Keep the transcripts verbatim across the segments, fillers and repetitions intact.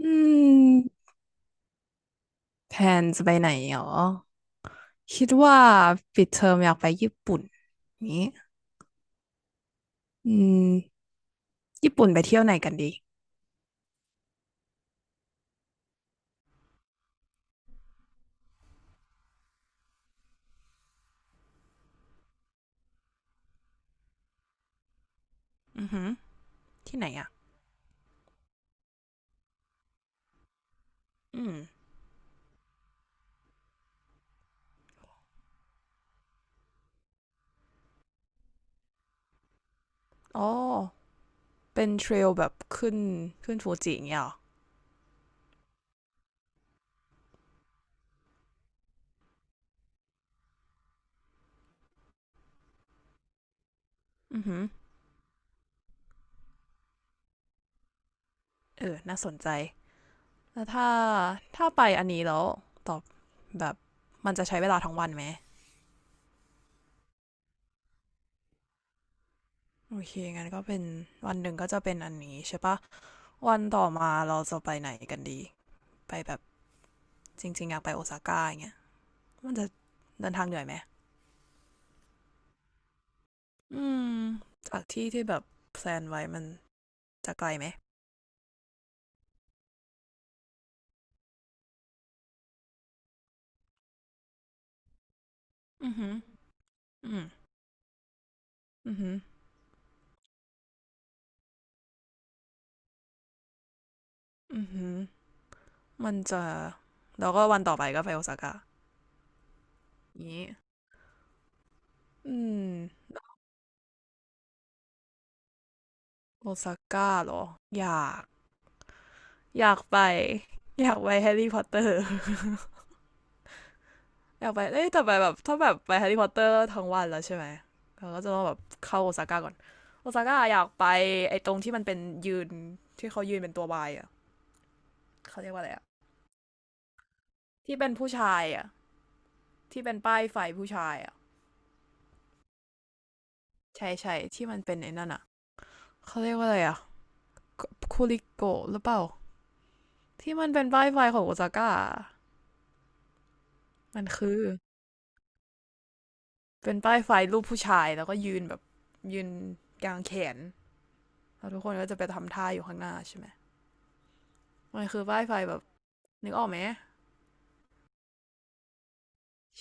อืมแพลนจะไปไหนหรอคิดว่าปิดเทอมอยากไปญี่ปุ่นนี้อืมญี่ปุ่นไปเที่ยวไหนกันดีอือหือที่ไหนอ่ะอืมอ๋อเป็นเทรลแบบขึ้นขึ้นฟูจิอย่างเงี้ยเหรออือหือเออน่าสนใจแล้วถ้าถ้าไปอันนี้แล้วตอบแบบมันจะใช้เวลาทั้งวันไหมโอเคงั้นก็เป็นวันหนึ่งก็จะเป็นอันนี้ใช่ปะวันต่อมาเราจะไปไหนกันดีไปแบบจริงๆอยากไปโอซาก้าอย่างเงี้ย มันจะเดินทางเหนื่อยไหมอืมจากที่ที่แบบแพลนไว้มันจะไกลไหมอือหืออืมอือหืออือหือมันจะแล้วก็วันต่อไปก็ไปโอซาก้านี้อืมโอซาก้าเหรออยากอยากไปอยากไปแฮร์รี่พ อตเตอร์ อยากไปเอ้ยแต่ไปแบบถ้าแบบไปแฮร์รี่พอตเตอร์ทั้งวันแล้วใช่ไหมเราก็จะต้องแบบเข้าโอซาก้าก่อนโอซาก้าอยากไปไอ้ตรงที่มันเป็นยืนที่เขายืนเป็นตัววายอ่ะเขาเรียกว่าอะไรอะ ที่เป็นผู้ชายอ่ะที่เป็นป้ายไฟผู้ชายอ่ะใช่ใช่ที่มันเป็นไอ้นั่นอ่ะเขาเรียกว่าอะไรอ่ะคูคริโกะหรือเปล่าที่มันเป็นป้ายไฟของโอซาก้ามันคือเป็นป้ายไฟรูปผู้ชายแล้วก็ยืนแบบยืนกลางแขนแล้วทุกคนก็จะไปทำท่าอยู่ข้างหน้าใช่ไหมมันคือป้ายไฟแบบนึกออกไหม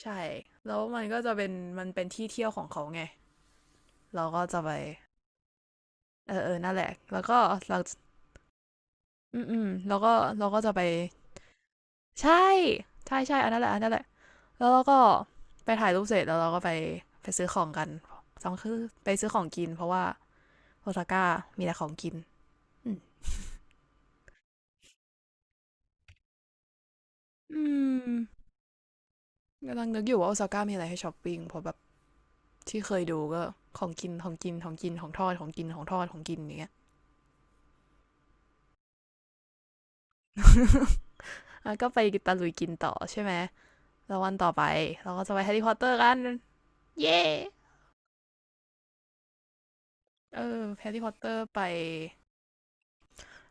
ใช่แล้วมันก็จะเป็นมันเป็นที่เที่ยวของเขาไงเราก็จะไปเออเออนั่นแหละแล้วก็เราอืมอืมแล้วก็เราก็จะไปใช่ใช่ใช่อันนั้นแหละอันนั้นแหละ แล้วเราก็ไปถ่ายรูปเสร็จแล้วเราก็ไปไปซื้อของกันสองคือไปซื้อของกินเพราะว่าโอซาก้ามีแต่ของกินอืมกำลังนึกอยู่ว่าโอซาก้ามีอะไรให้ช้อปปิ้งเพราะแบบที่เคยดูก็ของกินของกินของกินของทอดของกินของทอดของกินอย่างเงี้ย แล้วก็ไปตะลุยกินต่อใช่ไหมแล้ววันต่อไปเราก็จะไปแฮร์รี่พอตเตอร์กันเย้ yeah! เออแฮร์รี่พอตเตอร์ไป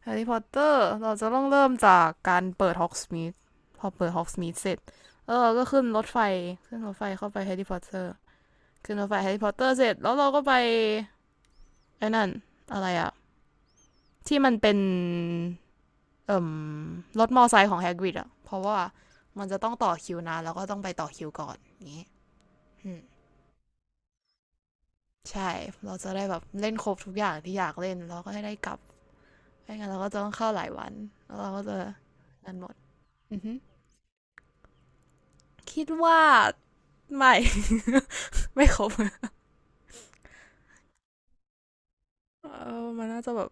แฮร์รี่พอตเตอร์เราจะต้องเริ่มจากการเปิดฮอกสมิธพอเปิดฮอกสมิธเสร็จแล้วเออก็ขึ้นรถไฟขึ้นรถไฟเข้าไปแฮร์รี่พอตเตอร์ขึ้นรถไฟแฮร์รี่พอตเตอร์เสร็จแล้วเราก็ไปไอ้นั่นอะไรอะที่มันเป็นเอ่อรถมอไซค์ของแฮกริดอะเพราะว่ามันจะต้องต่อคิวนานแล้วก็ต้องไปต่อคิวก่อนอย่างงี้ใช่เราจะได้แบบเล่นครบทุกอย่างที่อยากเล่นแล้วก็ให้ได้กลับไม่งั้นเราก็จะต้องเข้าหลายวันแล้วเราก็จะนั่นหมดคิดว่าไม่ ไม่ครบเออมันน่าจะแบบ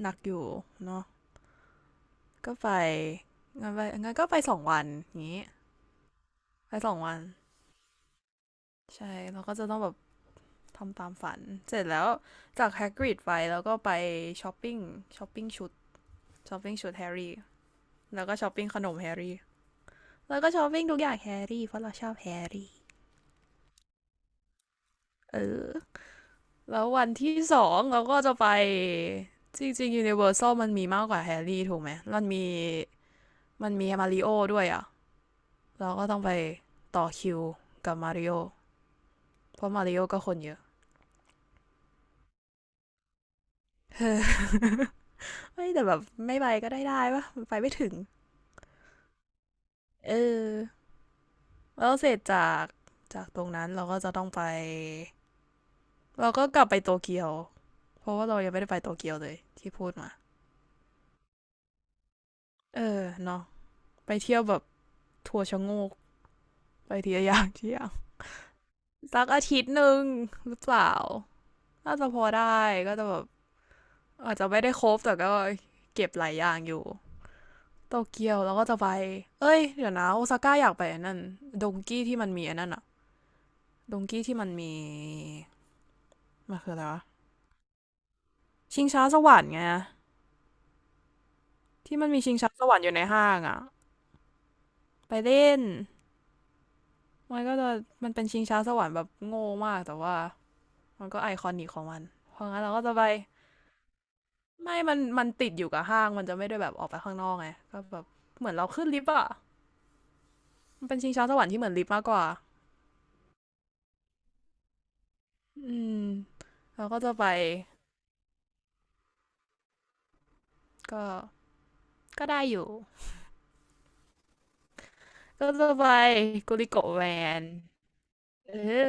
หนักอยู่เนาะก็ไปงั้นไปงั้นก็ไปสองวันอย่างนี้ไปสองวันใช่เราก็จะต้องแบบทำตามฝันเสร็จแล้วจากแฮกริดไปแล้วก็ไปช้อปปิ้งช้อปปิ้งชุดช้อปปิ้งชุดแฮร์รี่แล้วก็ช้อปปิ้งขนมแฮร์รี่แล้วก็ช้อปปิ้งทุกอย่างแฮร์รี่เพราะเราชอบแฮร์รี่เออแล้ววันที่สองเราก็จะไปจริงๆ Universal มันมีมากกว่าแฮร์รี่ถูกไหมมันมีมันมีมาริโอด้วยอะ เราก็ต้องไปต่อคิวกับมาริโอเพราะมาริโอก็คนเยอะ ไม่แต่แบบไม่ไปก็ได้ได้ปะไปไม่ถึงเออแล้วเสร็จจากจากตรงนั้นเราก็จะต้องไปเราก็กลับไปโตเกียวเพราะว่าเรายังไม่ได้ไปโตเกียวเลยที่พูดมาเออเนาะไปเที่ยวแบบทัวร์ชะโงกไปทีละอย่างทีละอย่างสักอาทิตย์หนึ่งหรือเปล่าน่าจะพอได้ก็จะแบบอาจจะไม่ได้ครบแต่ก็เก็บหลายอย่างอยู่ โตเกียวแล้วก็จะไป เอ้ยเดี๋ยวนะโอซาก้าอยากไปอันนั่นดงกี้ที่มันมีอันนั้นอะดงกี้ที่มันมีมันคืออะไรวะชิงช้าสวรรค์ไงที่มันมีชิงช้าสวรรค์อยู่ในห้างอะไปเล่นมันก็จะมันเป็นชิงช้าสวรรค์แบบโง่มากแต่ว่ามันก็ไอคอนิกของมันเพราะงั้นเราก็จะไปไม่มันมันติดอยู่กับห้างมันจะไม่ได้แบบออกไปข้างนอกไงก็แบบเหมือนเราขึ้นลิฟต์อะมันเป็นชิงช้าสวรรค์ที่เหมือนลิฟต์มากกว่าอืมเราก็จะไปก็ก็ได้อยู่ ก็จะไปกุลิโกะแวนเออ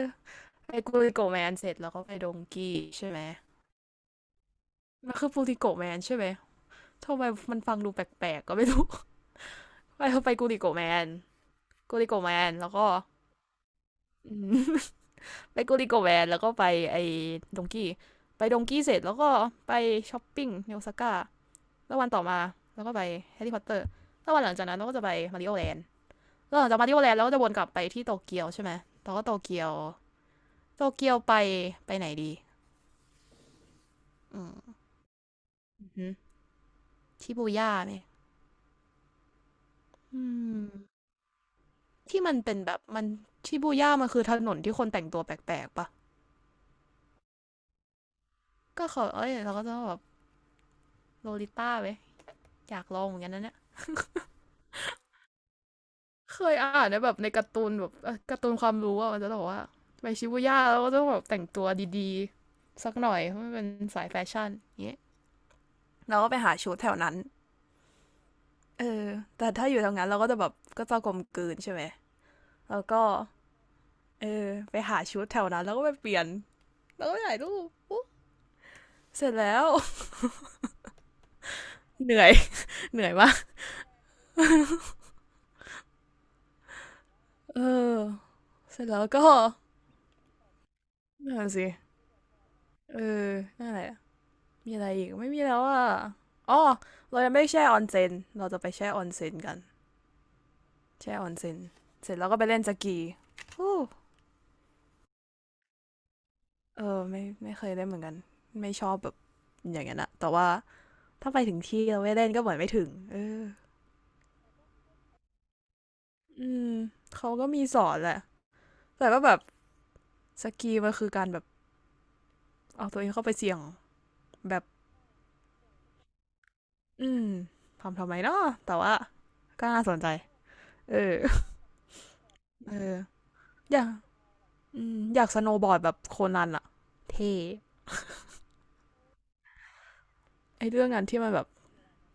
ไปกุลิโกะแวนเสร็จแล้วก็ไปดงกี้ใช่ไหมมันคือกุลิโกะแวนใช่ไหมทำไมมันฟังดูแปลกๆก็ไม่รู้ไปเราไปกุลิโกะแมนกุลิโกะแมนแล้วก็ ไปกุลิโกะแวนแล้วก็ไปไอ้ดงกี้ไปดงกี้เสร็จแล้วก็ไปช้อปปิ้งในโอซาก้าแล้ววันต่อมาแล้วก็ไปแฮร์รี่พอตเตอร์แล้ววันหลังจากนั้นเราก็จะไปมาริโอแลนด์แล้วหลังจากมาริโอแลนด์เราก็จะวนกลับไปที่โตเกียวใช่ไหมแล้วก็โตเกียวโตเกียวไปไปไหนดี อืมอือชิบูย่าไหมอืมที่มันเป็นแบบมันชิบูย่ามันคือถนนที่คนแต่งตัวแปลกๆปะก็เขาเอ้ยเราก็จะแบบโลลิต้าไหมอยากลองเหมือนกันนะเนี่ยเคยอ่านในแบบในการ์ตูนแบบเอ่อการ์ตูนความรู้อะมันจะบอกว่าไปชิบูย่าแล้วก็ต้องแบบแต่งตัวดีๆสักหน่อยเพราะมันเป็นสายแฟชั่นอย่างเงี้ยเราก็ไปหาชุดแถวนั้นเออแต่ถ้าอยู่แถวนั้นเราก็จะแบบก็จะกลมกลืนใช่ไหมแล้วก็เออไปหาชุดแถวนั้นแล้วก็ไปเปลี่ยนแล้วก็ไปถ่ายรูปอู้ เสร็จแล้ว เหนื่อยเหนื่อยมากเออเสร็จแล้วก็นั่นสิเออนั่นแหละมีอะไรอีกไม่มีแล้วอ่ะอ๋อเรายังไม่แช่ออนเซนเราจะไปแช่ออนเซนกันแช่ออนเซนเสร็จแล้วก็ไปเล่นสกี้เออไม่ไม่เคยเล่นเหมือนกันไม่ชอบแบบอย่างนั้นอะแต่ว่าถ้าไปถึงที่เราไม่เล่นก็เหมือนไม่ถึงเอออืมเขาก็มีสอนแหละแต่ก็แบบสกีมันคือการแบบเอาตัวเองเข้าไปเสี่ยงแบบ อืมทำทำไมเนาะแต่ว่าก็น่าสนใจเออเอออยากอืมอยากสโนว์บอร์ดแบบโคนันอะเท่ไอเรื่องนั้นที่มันแบบ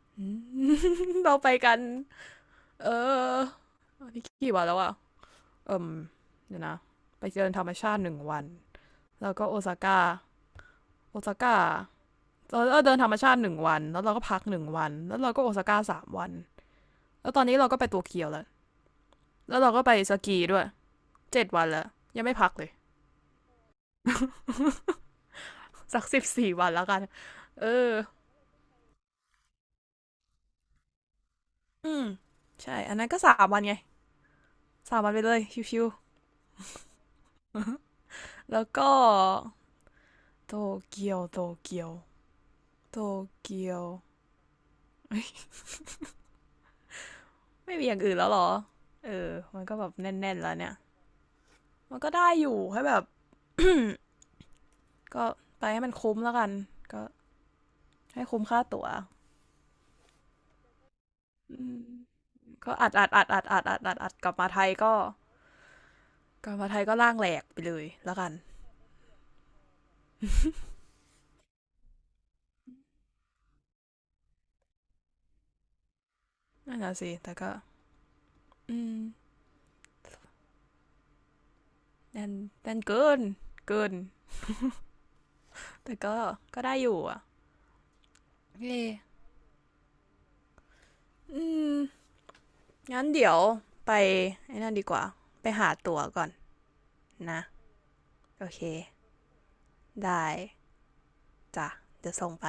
เราไปกันเอออนี่กี่วันแล้วอะเอิมเดี๋ยวนะไปเดินธรรมชาติหนึ่งวันแล้วก็โอซาก้าโอซาก้าเราเดินธรรมชาติหนึ่งวันแล้วเราก็พักหนึ่งวันแล้วเราก็โอซาก้าสามวันแล้วตอนนี้เราก็ไปโตัวเกียวแล้วแล้วเราก็ไปสกีด้วยเจ็ดวันแล้วยังไม่พักเลย สักสิบสี่วันแล้วกันเอออืมใช่อันนั้นก็สามวันไงสามวันไปเลยชิวๆแล้วก็โตเกียวโตเกียวโตเกียว เฮ้ยไม่มีอย่างอื่นแล้วเหรอเออมันก็แบบแน่นๆแล้วเนี่ยมันก็ได้อยู่ให้แบบก็ไปให้มันคุ้มแล้วกันก็ให้คุ้มค่าตั๋วอืมก็อัดอัดอัดอัดอัดอัดอัดอัดกลับมาไทยก็กลับมาไทยก็ร่างแหลกไปเลยแล้วกันนั่นแหละสิแต่ก็อืมแน่นแน่นเกินเกิน แต่ก็ก็ได้อยู่อ่ะเย่อืมงั้นเดี๋ยวไปไอ้นั่นดีกว่าไปหาตั๋วก่อนนะโอเคได้จ้ะจะส่งไป